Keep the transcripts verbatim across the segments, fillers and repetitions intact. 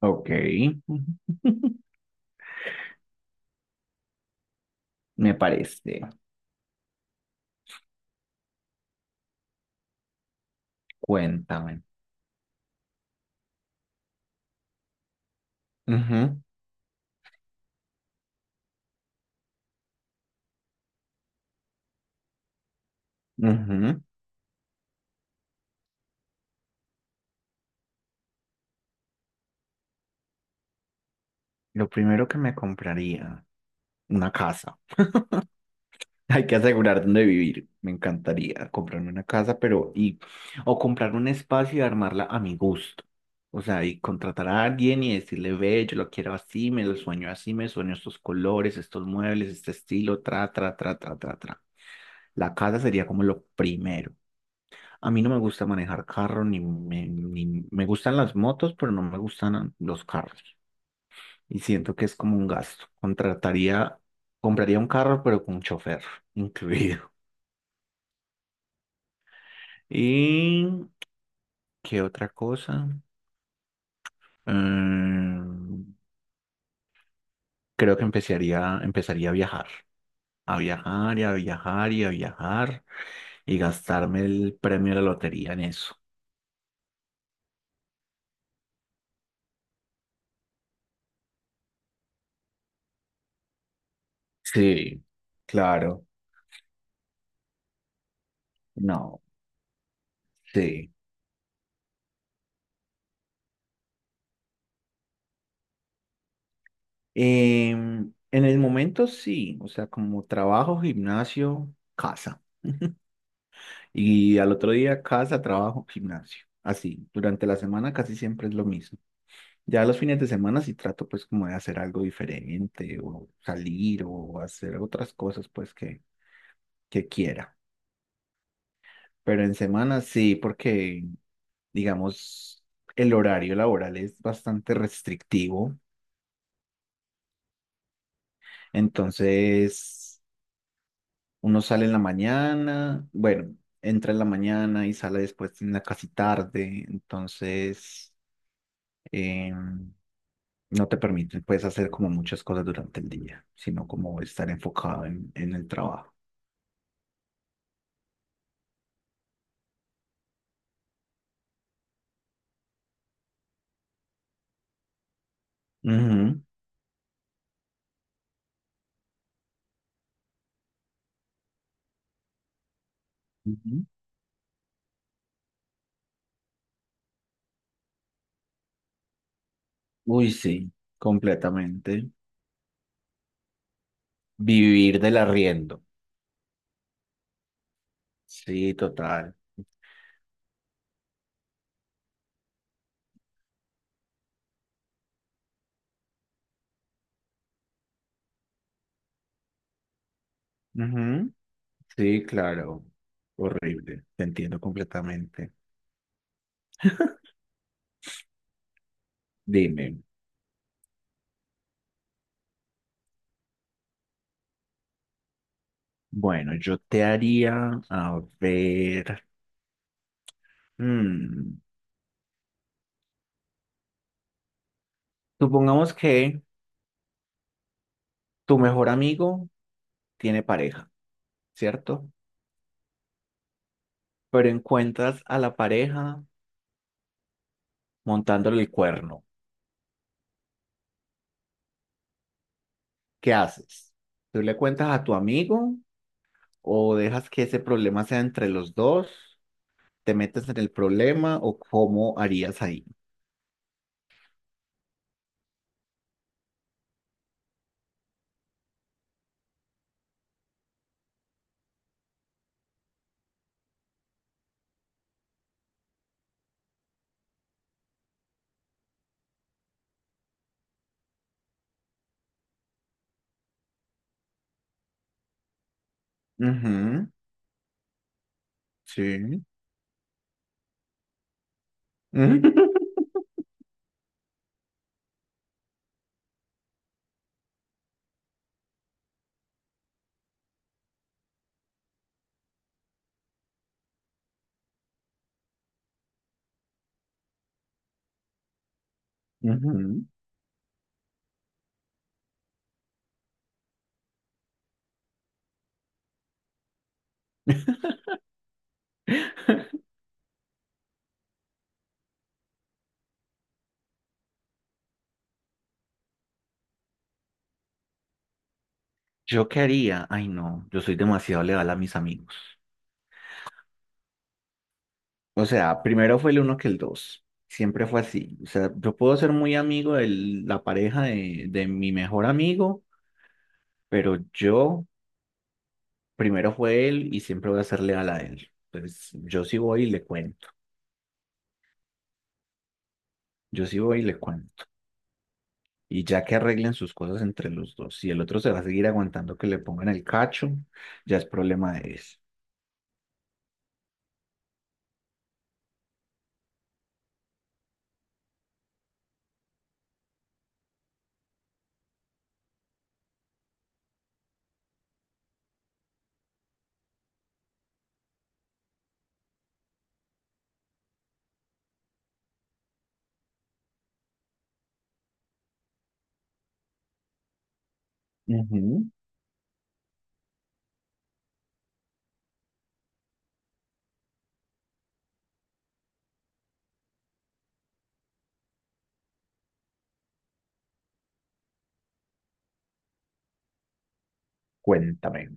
Ok. Ujú. Me parece. Cuéntame. Ujú, ujú. Lo primero que me compraría, una casa. Hay que asegurar dónde vivir. Me encantaría comprarme una casa, pero y o comprar un espacio y armarla a mi gusto. O sea, y contratar a alguien y decirle, ve, yo lo quiero así, me lo sueño así, me sueño estos colores, estos muebles, este estilo, tra, tra, tra, tra, tra, tra. La casa sería como lo primero. A mí no me gusta manejar carro, ni me, ni me gustan las motos, pero no me gustan los carros. Y siento que es como un gasto. Contrataría, compraría un carro, pero con un chofer incluido. ¿Y qué otra cosa? Mm, creo que empezaría, empezaría a viajar. A viajar y a viajar y a viajar y gastarme el premio de la lotería en eso. Sí, claro. No, sí. Em, en el momento sí, o sea, como trabajo, gimnasio, casa. Y al otro día casa, trabajo, gimnasio. Así, durante la semana casi siempre es lo mismo. Ya los fines de semana sí trato pues como de hacer algo diferente o salir o hacer otras cosas pues que, que quiera. Pero en semana sí, porque digamos el horario laboral es bastante restrictivo. Entonces uno sale en la mañana, bueno, entra en la mañana y sale después en la casi tarde, entonces eh, no te permite, puedes hacer como muchas cosas durante el día, sino como estar enfocado en, en el trabajo. Ujú, ujú. Uy, sí, completamente. Vivir del arriendo. Sí, total. Ujú. Sí, claro. Horrible. Te entiendo completamente. Dime, bueno, yo te haría, a ver. Mm, Supongamos que tu mejor amigo tiene pareja, ¿cierto? Pero encuentras a la pareja montándole el cuerno. ¿Qué haces? ¿Tú le cuentas a tu amigo o dejas que ese problema sea entre los dos? ¿Te metes en el problema o cómo harías ahí? Ujú, sí. Ujú. ¿Yo qué haría? Ay, no, yo soy demasiado leal a mis amigos. O sea, primero fue el uno que el dos. Siempre fue así. O sea, yo puedo ser muy amigo de la pareja de, de mi mejor amigo, pero yo primero fue él y siempre voy a ser leal a él. Entonces, yo sí voy y le cuento. Yo sí voy y le cuento. Y ya que arreglen sus cosas entre los dos, si el otro se va a seguir aguantando que le pongan el cacho, ya es problema de eso. Ujú. Cuéntame.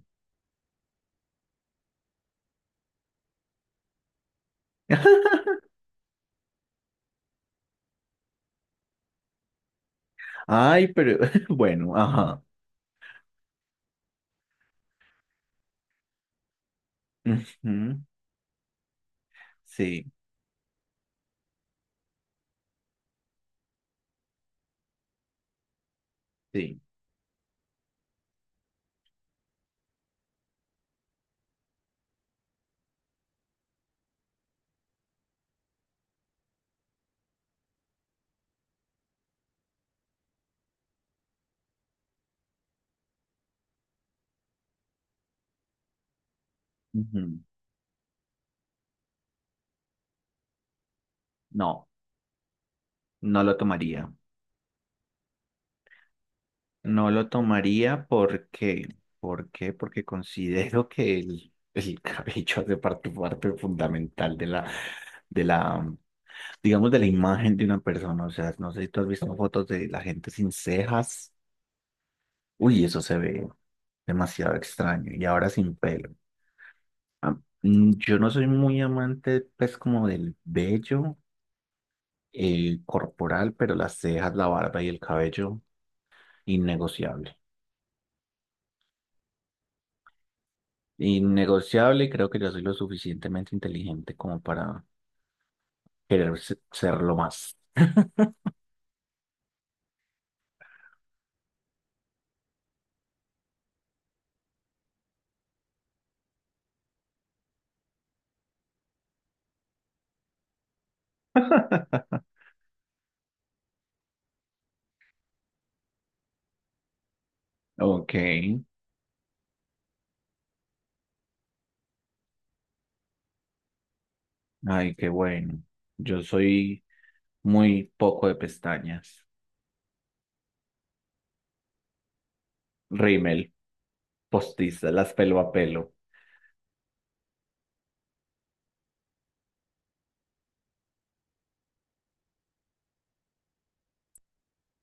Ay, pero bueno, ajá. Ujú. Sí, sí. Ujú. No. No lo tomaría. No lo tomaría porque, ¿por qué? Porque considero que el, el cabello hace parte, parte fundamental de la, de la, digamos, de la imagen de una persona. O sea, no sé si tú has visto fotos de la gente sin cejas. Uy, eso se ve demasiado extraño. Y ahora sin pelo. Ah, mm, Yo no soy muy amante, pues, como del vello eh, corporal, pero las cejas, la barba y el cabello, innegociable. Innegociable y creo que yo soy lo suficientemente inteligente como para querer se- serlo más. Ok, ay, qué bueno. Yo soy muy poco de pestañas. Rímel, postiza, las pelo a pelo.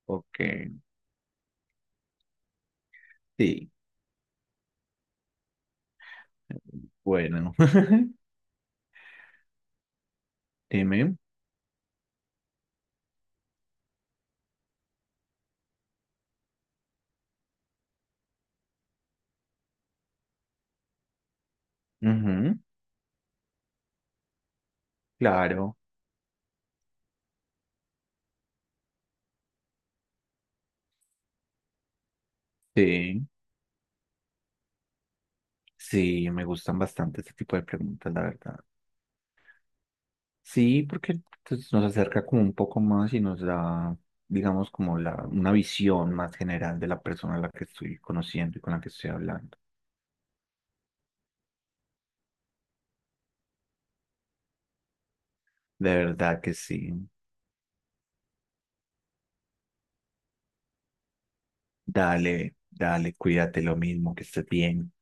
Ok, sí, bueno. Dime. Ujú. Claro, sí, sí, me gustan bastante este tipo de preguntas, la verdad. Sí, porque pues, nos acerca como un poco más y nos da, digamos, como la, una visión más general de la persona a la que estoy conociendo y con la que estoy hablando. De verdad que sí. Dale, dale, cuídate lo mismo, que estés bien.